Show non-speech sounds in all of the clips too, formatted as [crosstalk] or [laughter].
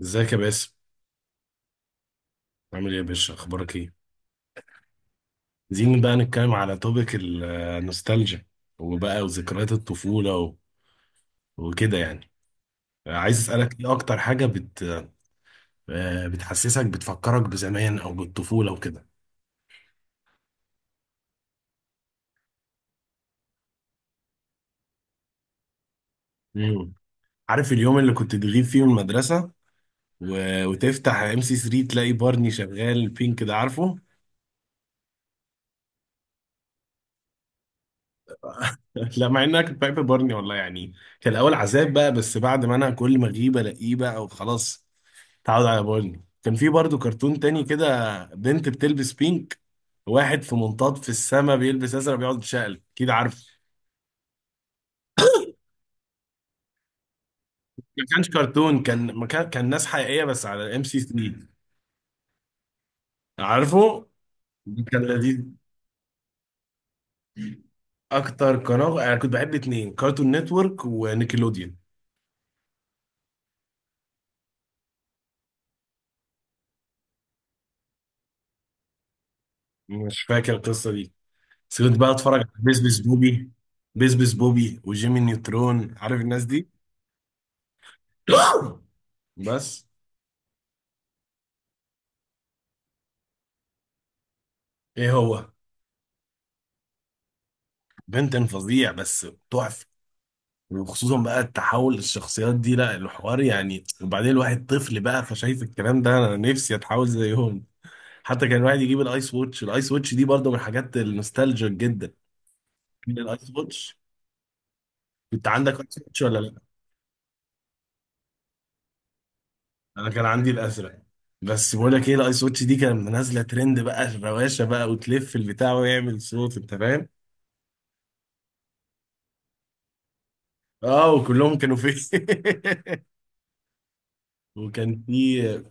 ازيك يا باسم؟ عامل ايه يا باشا؟ اخبارك ايه؟ عايزين بقى نتكلم على توبيك النوستالجيا، وبقى وذكريات الطفولة وكده يعني. عايز اسالك، ايه اكتر حاجة بت آه، بتحسسك بتفكرك بزمان او بالطفولة وكده؟ مم. عارف اليوم اللي كنت تغيب فيه من المدرسة و... وتفتح ام سي 3 تلاقي بارني شغال، بينك ده عارفه؟ [laughs] لا، مع انها كنت بحب بارني والله يعني. كان الاول عذاب بقى، بس بعد ما انا كل ما اغيب الاقيه بقى وخلاص اتعود على بارني. كان في برضو كرتون تاني كده، بنت بتلبس بينك، واحد في منطاد في السما بيلبس ازرق بيقعد يتشقلب. اكيد عارف. [coughs] ما كانش كرتون، كان ما كان كان ناس حقيقيه، بس على ام سي 3. عارفه؟ كان لذيذ. اكتر قناه انا كنت بحب اتنين، كارتون نتورك ونيكلوديان. مش فاكر القصه دي. بس كنت بقى اتفرج على بيزبس بوبي وجيمي نيوترون. عارف الناس دي؟ [gasps] بس. ايه هو؟ بنتن فظيع، بس تحفه. وخصوصا بقى التحول للشخصيات دي لا، الحوار يعني، وبعدين الواحد طفل بقى، فشايف الكلام ده انا نفسي اتحول زيهم. حتى كان الواحد يجيب الايس ووتش دي برضه من الحاجات النوستالجيك جدا. الايس ووتش. كنت عندك ايس ووتش ولا لا؟ انا كان عندي الازرق. بس بقول لك ايه، الايس واتش دي كانت نازله ترند بقى، الروشه بقى، وتلف البتاع ويعمل صوت، انت فاهم. اه، وكلهم كانوا فيه. [laughs] وكان في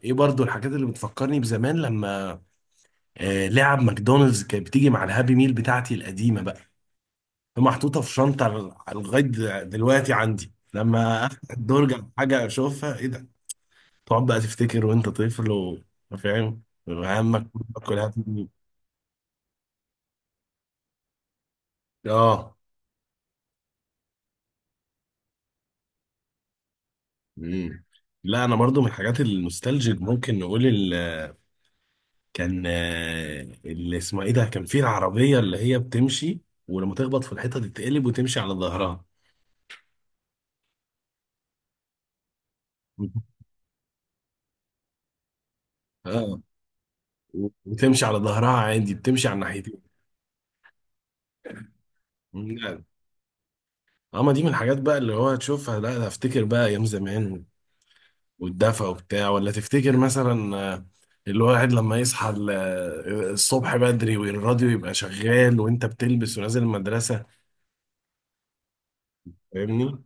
ايه برضو الحاجات اللي بتفكرني بزمان لما لعب ماكدونالدز كانت بتيجي مع الهابي ميل بتاعتي القديمه بقى، محطوطه في شنطه لغايه دلوقتي عندي، لما افتح الدرج على حاجه اشوفها، ايه ده؟ تقعد بقى تفتكر وانت طفل وفاهم وهمك كلها تيجي. اه. مم. لا، انا برضو من الحاجات النوستالجيك ممكن نقول كان اللي اسمها ايه ده، كان فيه العربيه اللي هي بتمشي، ولما تخبط في الحيطه تتقلب وتمشي على ظهرها. [laughs] اه، وتمشي على ظهرها عادي، بتمشي على الناحيتين. مم، لا. اه، ما دي من الحاجات بقى اللي هو تشوفها، لا ده افتكر بقى ايام زمان والدفى وبتاع. ولا تفتكر مثلا، الواحد لما يصحى الصبح بدري والراديو يبقى شغال وانت بتلبس ونازل المدرسه؟ فاهمني؟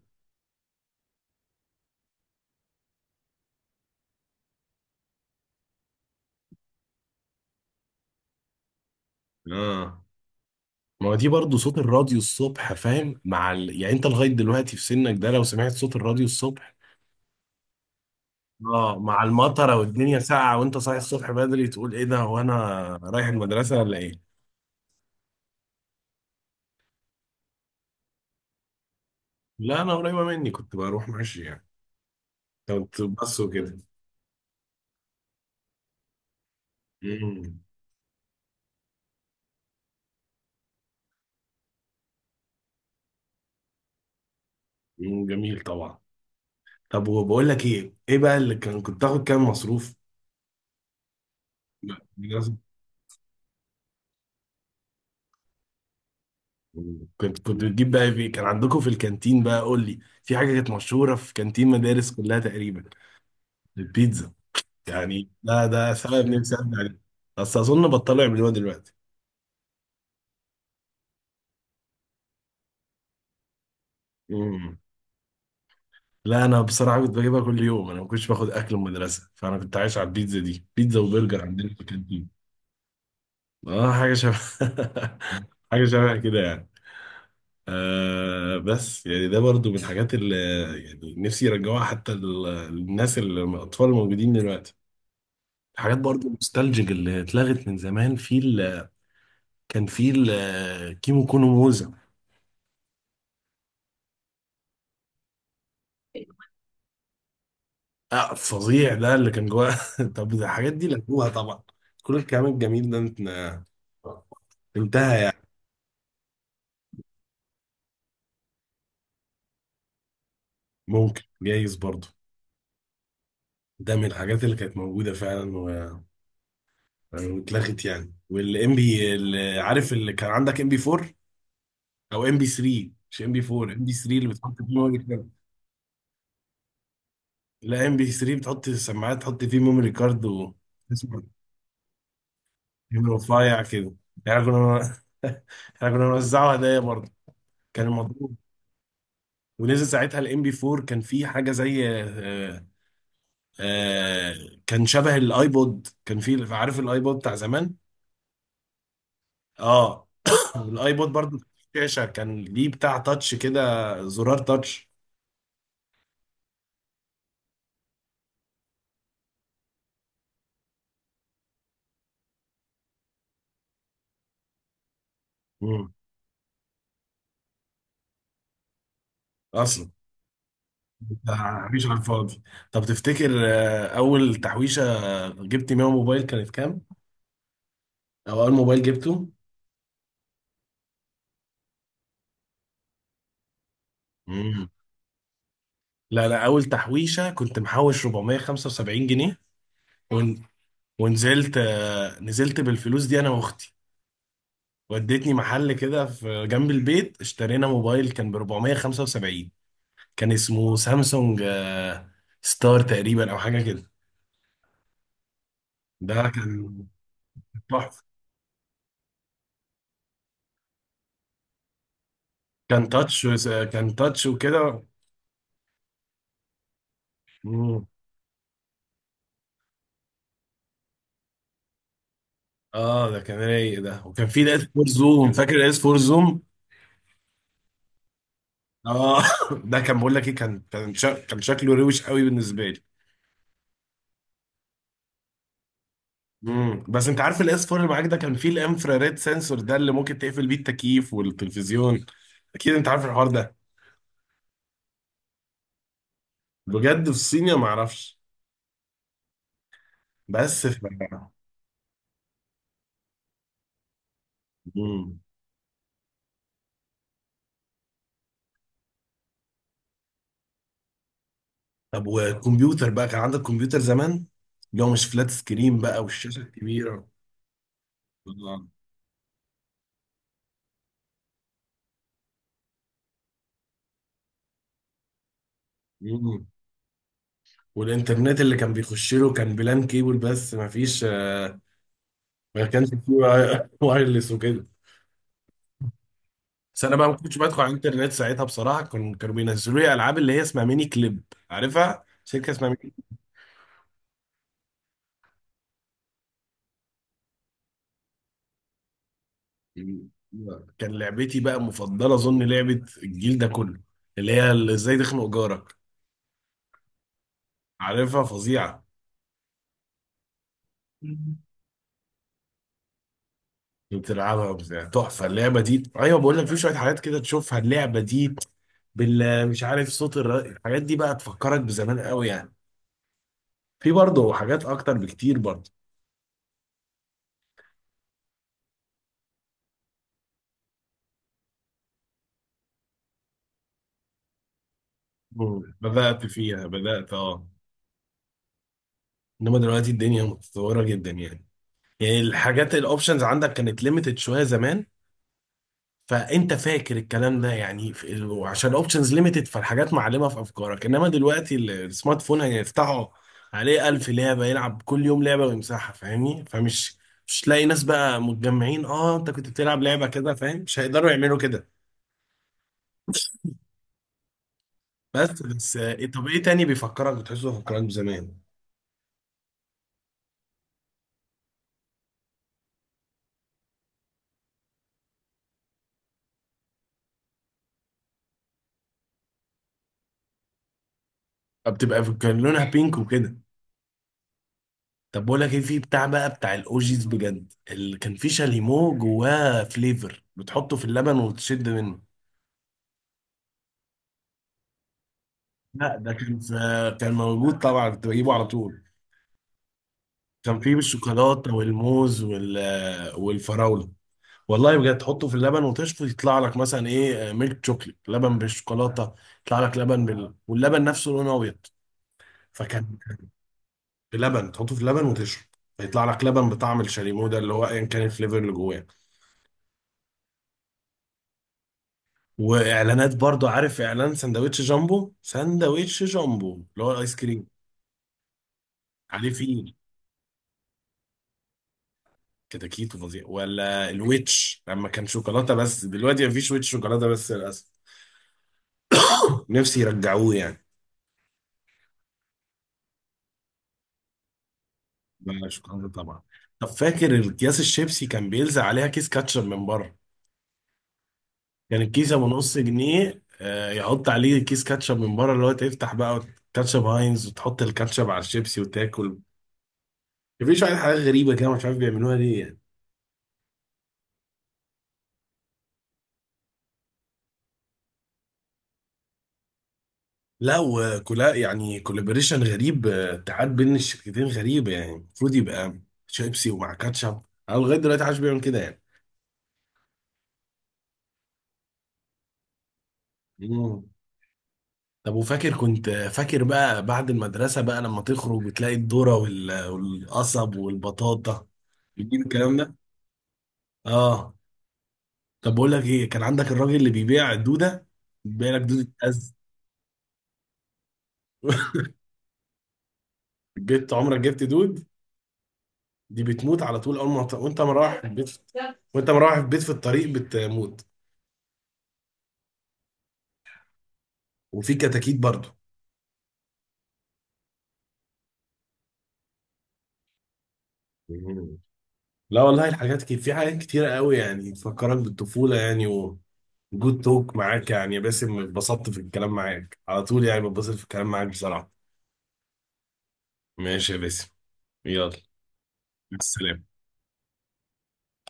اه، ما هو دي برضه صوت الراديو الصبح، فاهم؟ مع يعني انت لغايه دلوقتي في سنك ده لو سمعت صوت الراديو الصبح، اه، مع المطره والدنيا ساقعه وانت صاحي الصبح بدري، تقول ايه ده؟ هو انا رايح المدرسه ولا ايه؟ لا، انا قريبه مني، كنت بروح ماشي يعني، كنت بس وكده. امم أمم، جميل طبعا. طب وبقول لك ايه، ايه بقى اللي كان كنت تاخد كام مصروف؟ لا مدرسة. كنت بتجيب بقى ايه؟ كان عندكم في الكانتين بقى، قول لي. في حاجه كانت مشهوره في كانتين مدارس كلها تقريبا. البيتزا. يعني ده سبب نفسي ارجع ليه. بس اظن بطلوا يعملوها دلوقتي. امم. لا، انا بصراحه كنت بجيبها كل يوم، انا ما كنتش باخد اكل من المدرسه، فانا كنت عايش على البيتزا دي، بيتزا وبرجر عندنا في الكانتين. اه، حاجه شبه. [laughs] حاجه شبه كده يعني. بس يعني ده برضو من الحاجات اللي يعني نفسي يرجعوها، حتى الناس الاطفال الموجودين دلوقتي. الحاجات برضو النوستالجيك اللي اتلغت من زمان في كان في الكيمو كونو موزة. فظيع، ده اللي كان جواه. [laughs] طب ده الحاجات دي لغوها طبعا، كل الكلام الجميل ده انتهى يعني. ممكن، جايز برضه. ده من الحاجات اللي كانت موجودة فعلا يعني واتلغت يعني. والام بي اللي، عارف اللي كان عندك ام بي 4 او ام بي 3؟ مش ام بي 4، ام بي 3 اللي بتحط فيه ميموري كارد. لا، ام بي 3 بتحط السماعات، تحط فيه ميموري كارد، و اسمه رفيع كده، يعني كنا. [laughs] احنا كنا بنوزعه هدايا برضه، كان الموضوع. ونزل ساعتها الام بي 4، كان فيه حاجه زي آه، كان شبه الايبود. كان فيه، عارف الايبود بتاع زمان؟ اه [coughs] الايبود برضو شاشه، كان ليه بتاع تاتش كده، زرار تاتش. مم. اصلا مفيش على الفاضي. طب تفتكر اول تحويشه جبت بيها موبايل كانت كام؟ او اول موبايل جبته؟ مم. لا لا، اول تحويشه كنت محوش 475 جنيه. ون... ونزلت نزلت بالفلوس دي انا واختي، ودتني محل كده في جنب البيت، اشترينا موبايل كان ب 475. كان اسمه سامسونج ستار تقريبا او حاجه كده. ده كان تحفه، كان تاتش، كان تاتش وكده. مم. اه، ده كان رايق ده، وكان في ده اس 4 زوم. فاكر الاس 4 زوم؟ اه. [laughs] ده كان، بقول لك ايه، كان شكله روش قوي بالنسبه لي. بس انت عارف الاس 4 اللي معاك ده كان فيه الانفراريد سنسور ده، اللي ممكن تقفل بيه التكييف والتلفزيون؟ اكيد انت عارف الحوار ده. بجد، في الصينية ما اعرفش، بس في. مم. طب والكمبيوتر بقى، كان عندك كمبيوتر زمان اللي هو مش فلات سكرين بقى والشاشة الكبيرة؟ آه. مم. والإنترنت اللي كان بيخش له كان بلان كيبل، بس ما فيش ما كانش فيه [laughs] وايرلس وكده. بس أنا بقى ما كنتش بدخل على الإنترنت ساعتها بصراحة، كان كانوا بينزلوا لي ألعاب اللي هي اسمها ميني كليب. عارفها؟ شركة اسمها ميني كليب. كان لعبتي بقى مفضلة، أظن لعبة الجيل ده كله، اللي هي اللي إزاي تخنق جارك. عارفها؟ فظيعه. مم. بتلعبها وبتاع، تحفه اللعبه دي. ايوه بقول لك، في شويه حاجات كده تشوفها، اللعبه دي مش عارف، صوت الحاجات دي بقى تفكرك بزمان قوي يعني. في برضه حاجات اكتر بكتير برضه. بدات فيها، بدات اه. انما دلوقتي الدنيا متطوره جدا يعني. يعني الحاجات الاوبشنز عندك كانت ليميتد شويه زمان. فانت فاكر الكلام ده، يعني وعشان اوبشنز ليميتد، فالحاجات معلمه في افكارك، انما دلوقتي السمارت فون هيفتحه عليه ألف لعبه، يلعب كل يوم لعبه ويمسحها، فاهمني؟ فمش مش تلاقي ناس بقى متجمعين. اه، انت كنت بتلعب لعبه كده فاهم، مش هيقدروا يعملوا كده. بس طب ايه تاني بيفكرك، بتحسه بيفكرك بزمان؟ بتبقى كان لونها بينك وكده. طب بقول لك ايه، في بتاع بقى، بتاع الاوجيز، بجد، اللي كان فيه شاليمو جواه فليفر، بتحطه في اللبن وتشد منه. لا، ده كان كان موجود طبعا، كنت بجيبه على طول. كان فيه بالشوكولاته والموز وال والفراوله. والله بجد تحطه في اللبن وتشفط، يطلع لك مثلا ايه، ميلك شوكليت، لبن بالشوكولاته. يطلع لك لبن واللبن نفسه لونه ابيض. فكان بلبن، تحطه في اللبن وتشرب، فيطلع لك لبن بطعم الشاليمو ده، اللي هو ايا كان الفليفر اللي جواه. واعلانات برضو، عارف اعلان سندوتش جامبو؟ سندوتش جامبو اللي هو الايس كريم. عليه فيه كده، كيتو فظيع، ولا الويتش لما كان شوكولاته. بس دلوقتي مفيش ويتش شوكولاته بس، للاسف. [coughs] نفسي يرجعوه يعني. بلا شوكولاته طبعا. طب فاكر الاكياس الشيبسي كان بيلزق عليها كيس كاتشب من بره؟ كان الكيس ابو نص جنيه يحط عليه كيس كاتشب من بره، اللي هو تفتح بقى كاتشب هاينز وتحط الكاتشب على الشيبسي وتاكل. مفيش واحد. حاجه غريبه كده، مش عارف بيعملوها ليه يعني. لا وكلا يعني، كولابوريشن غريب، اتحاد بين الشركتين غريب. يعني المفروض يبقى شيبسي ومع كاتشب. انا لغايه دلوقتي عايش بيعمل كده يعني. مم. طب وفاكر، كنت فاكر بقى بعد المدرسه بقى لما تخرج بتلاقي الذره والقصب والبطاطا؟ بتجيب الكلام ده. اه. طب بقول لك ايه، كان عندك الراجل اللي بيبيع الدوده، بيبيع لك دوده [laughs] جبت عمرك جبت دود؟ دي بتموت على طول، اول ما وانت مروح البيت، وانت مروح البيت في الطريق بتموت. وفي كتاكيت برضو. مم. لا والله الحاجات كتير، في حاجات كتيرة قوي يعني تفكرك بالطفولة يعني. وجود توك معاك يعني يا باسم، اتبسطت في الكلام معاك على طول يعني، بتبسط في الكلام معاك بصراحة. ماشي يا باسم، يلا. مع السلامة.